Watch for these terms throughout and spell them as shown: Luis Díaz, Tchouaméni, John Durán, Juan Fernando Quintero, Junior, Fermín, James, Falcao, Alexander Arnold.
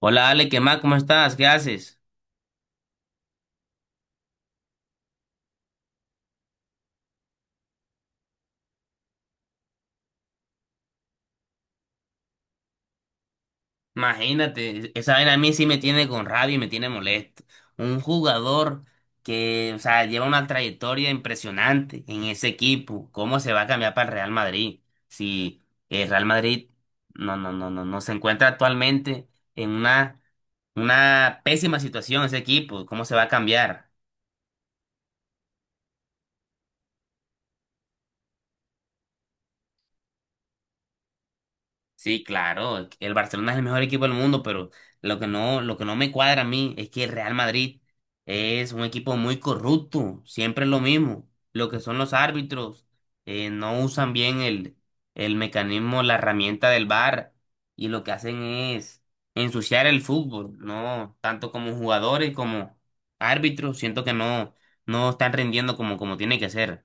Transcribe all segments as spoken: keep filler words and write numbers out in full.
Hola Ale, ¿qué más? ¿Cómo estás? ¿Qué haces? Imagínate, esa vaina a mí sí me tiene con rabia y me tiene molesto. Un jugador que, o sea, lleva una trayectoria impresionante en ese equipo. ¿Cómo se va a cambiar para el Real Madrid? Si el Real Madrid no, no, no, no, no se encuentra actualmente en una, una pésima situación ese equipo. ¿Cómo se va a cambiar? Sí, claro, el Barcelona es el mejor equipo del mundo, pero lo que no, lo que no me cuadra a mí es que el Real Madrid es un equipo muy corrupto, siempre es lo mismo. Lo que son los árbitros, eh, no usan bien el, el mecanismo, la herramienta del V A R, y lo que hacen es ensuciar el fútbol, ¿no? Tanto como jugadores como árbitros, siento que no, no están rindiendo como, como tiene que ser.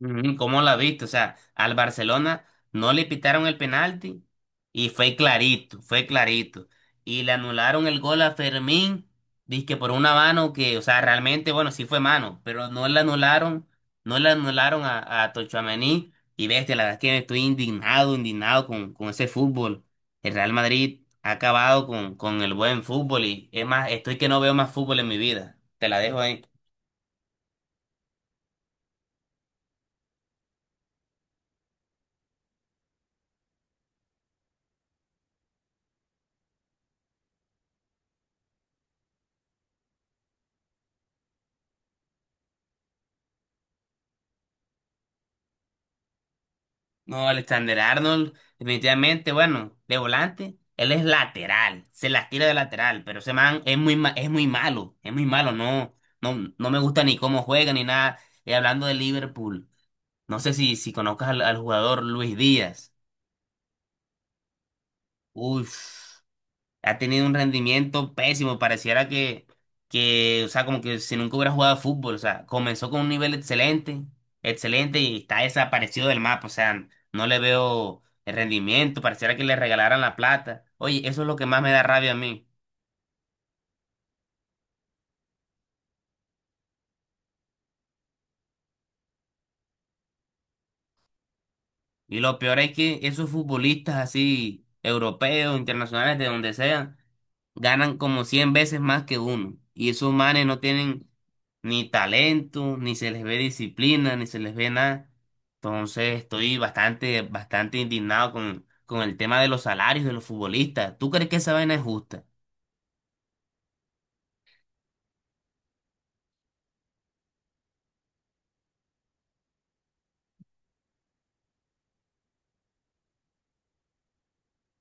Ujú, ¿cómo la viste? O sea, al Barcelona no le pitaron el penalti y fue clarito, fue clarito. Y le anularon el gol a Fermín, dizque por una mano que, o sea, realmente, bueno, sí fue mano, pero no le anularon, no le anularon a, a Tchouaméni. Y bestia, la verdad es que estoy indignado, indignado con, con ese fútbol. El Real Madrid ha acabado con, con el buen fútbol y es más, estoy que no veo más fútbol en mi vida. Te la dejo ahí. No, Alexander Arnold, definitivamente, bueno, de volante, él es lateral, se las tira de lateral, pero ese man es muy, ma- es muy malo, es muy malo, no, no, no me gusta ni cómo juega ni nada. Y hablando de Liverpool, no sé si, si conozcas al, al jugador Luis Díaz. Uf, ha tenido un rendimiento pésimo, pareciera que, que, o sea, como que si nunca hubiera jugado fútbol, o sea, comenzó con un nivel excelente, excelente y está desaparecido del mapa, o sea, no le veo el rendimiento, pareciera que le regalaran la plata. Oye, eso es lo que más me da rabia a mí. Y lo peor es que esos futbolistas así, europeos, internacionales, de donde sean, ganan como cien veces más que uno. Y esos manes no tienen ni talento, ni se les ve disciplina, ni se les ve nada. Entonces estoy bastante, bastante indignado con, con el tema de los salarios de los futbolistas. ¿Tú crees que esa vaina es justa?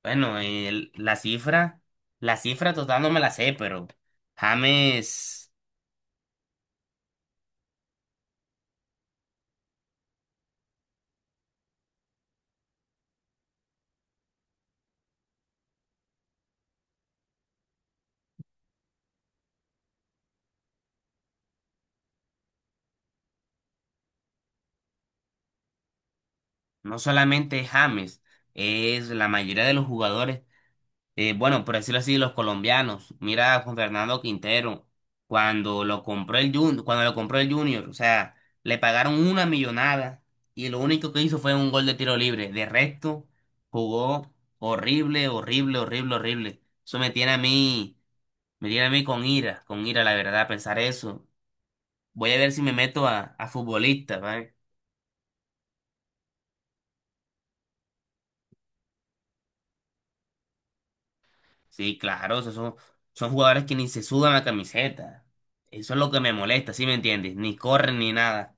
Bueno, el- la cifra, la cifra total no me la sé, pero James, no solamente es James, es la mayoría de los jugadores eh, bueno, por decirlo así, los colombianos. Mira a Juan Fernando Quintero, cuando lo compró el Junior, cuando lo compró el Junior, o sea, le pagaron una millonada y lo único que hizo fue un gol de tiro libre. De resto, jugó horrible, horrible, horrible, horrible. Eso me tiene a mí, me tiene a mí con ira, con ira, la verdad, pensar eso. Voy a ver si me meto a, a futbolista, ¿vale? Sí, claro, esos son, son jugadores que ni se sudan la camiseta. Eso es lo que me molesta, ¿sí me entiendes? Ni corren ni nada.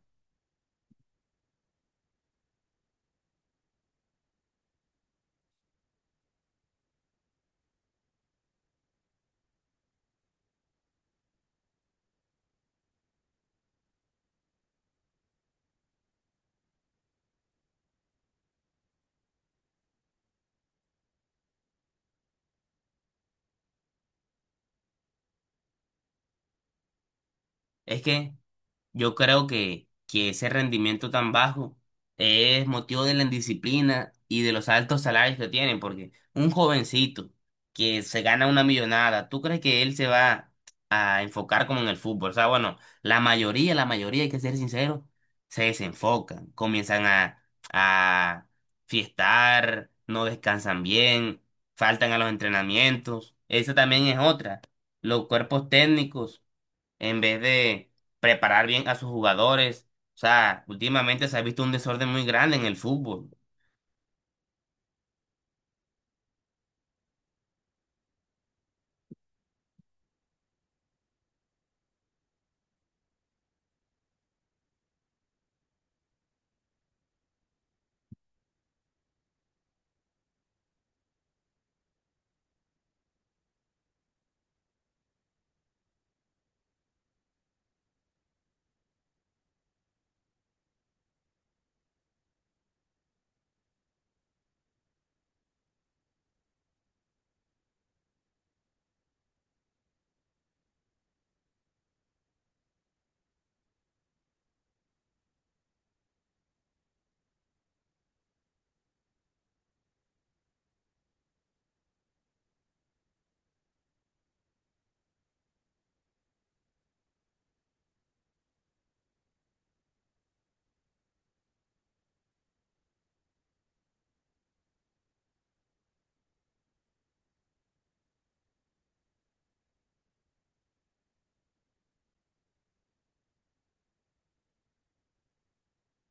Es que yo creo que, que ese rendimiento tan bajo es motivo de la indisciplina y de los altos salarios que tienen, porque un jovencito que se gana una millonada, ¿tú crees que él se va a enfocar como en el fútbol? O sea, bueno, la mayoría, la mayoría, hay que ser sincero, se desenfocan, comienzan a, a fiestar, no descansan bien, faltan a los entrenamientos. Esa también es otra, los cuerpos técnicos en vez de preparar bien a sus jugadores. O sea, últimamente se ha visto un desorden muy grande en el fútbol.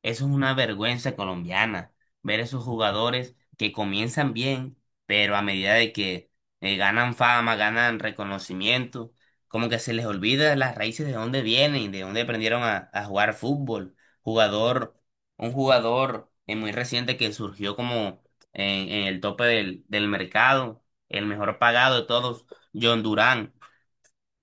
Eso es una vergüenza colombiana, ver esos jugadores que comienzan bien, pero a medida de que eh, ganan fama, ganan reconocimiento, como que se les olvida las raíces de dónde vienen, de dónde aprendieron a, a jugar fútbol. Jugador, un jugador eh, muy reciente que surgió como en, en el tope del, del mercado, el mejor pagado de todos, John Durán.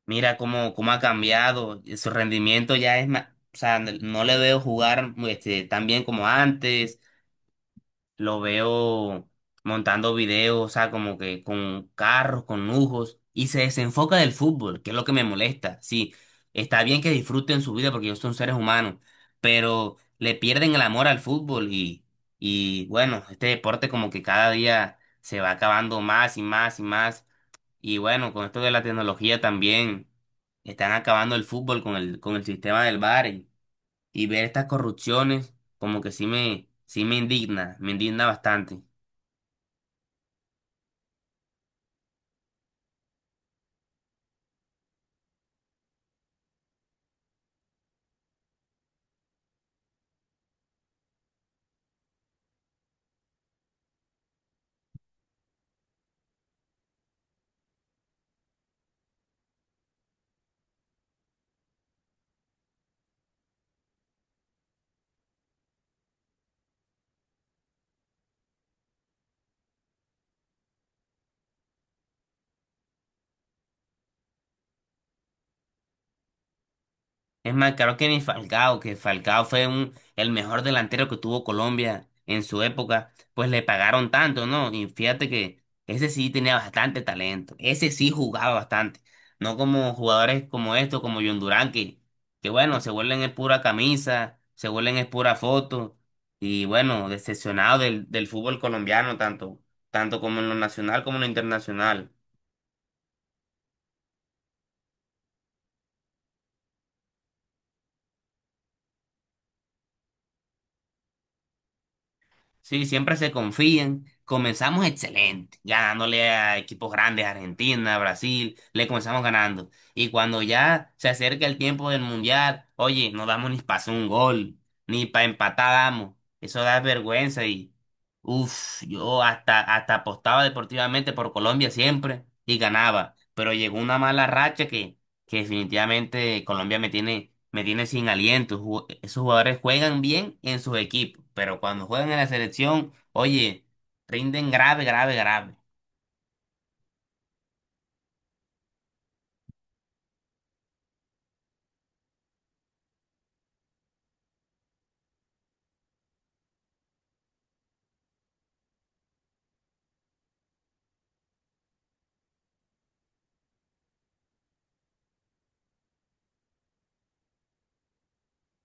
Mira cómo, cómo ha cambiado, y su rendimiento ya es más, o sea, n- no le veo jugar este, tan bien como antes, lo veo montando videos, o sea, como que con carros, con lujos, y se desenfoca del fútbol, que es lo que me molesta. Sí, está bien que disfruten su vida porque ellos son seres humanos, pero le pierden el amor al fútbol y, y bueno, este deporte como que cada día se va acabando más y más y más. Y bueno, con esto de la tecnología también están acabando el fútbol con el, con el sistema del V A R y, y ver estas corrupciones como que sí me, sí me indigna, me indigna bastante. Es más, claro que ni Falcao, que Falcao fue un, el mejor delantero que tuvo Colombia en su época, pues le pagaron tanto, ¿no? Y fíjate que ese sí tenía bastante talento, ese sí jugaba bastante, no como jugadores como estos, como John Durán, que, que bueno, se vuelven es pura camisa, se vuelven es pura foto, y bueno, decepcionado del, del fútbol colombiano, tanto, tanto como en lo nacional como en lo internacional. Sí, siempre se confían. Comenzamos excelente, ganándole a equipos grandes, Argentina, Brasil, le comenzamos ganando. Y cuando ya se acerca el tiempo del mundial, oye, no damos ni para un gol, ni para empatar damos. Eso da vergüenza y, uff, yo hasta, hasta apostaba deportivamente por Colombia siempre y ganaba. Pero llegó una mala racha que que definitivamente Colombia me tiene, me tiene sin aliento. Ju- Esos jugadores juegan bien en sus equipos, pero cuando juegan en la selección, oye, rinden grave, grave, grave.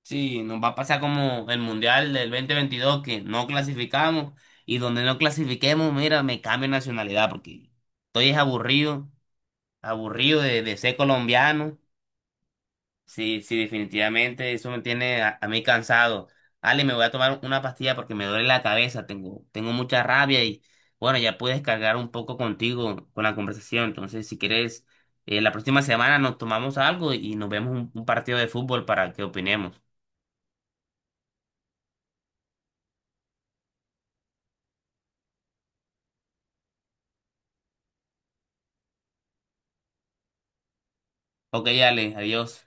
Sí, nos va a pasar como el Mundial del dos mil veintidós que no clasificamos y donde no clasifiquemos, mira, me cambio de nacionalidad porque estoy es aburrido, aburrido de, de ser colombiano. Sí, sí, definitivamente eso me tiene a, a mí cansado. Ale, me voy a tomar una pastilla porque me duele la cabeza, tengo, tengo mucha rabia y bueno, ya pude descargar un poco contigo con la conversación. Entonces, si quieres, eh, la próxima semana nos tomamos algo y nos vemos un, un partido de fútbol para que opinemos. Ok, Ale, adiós.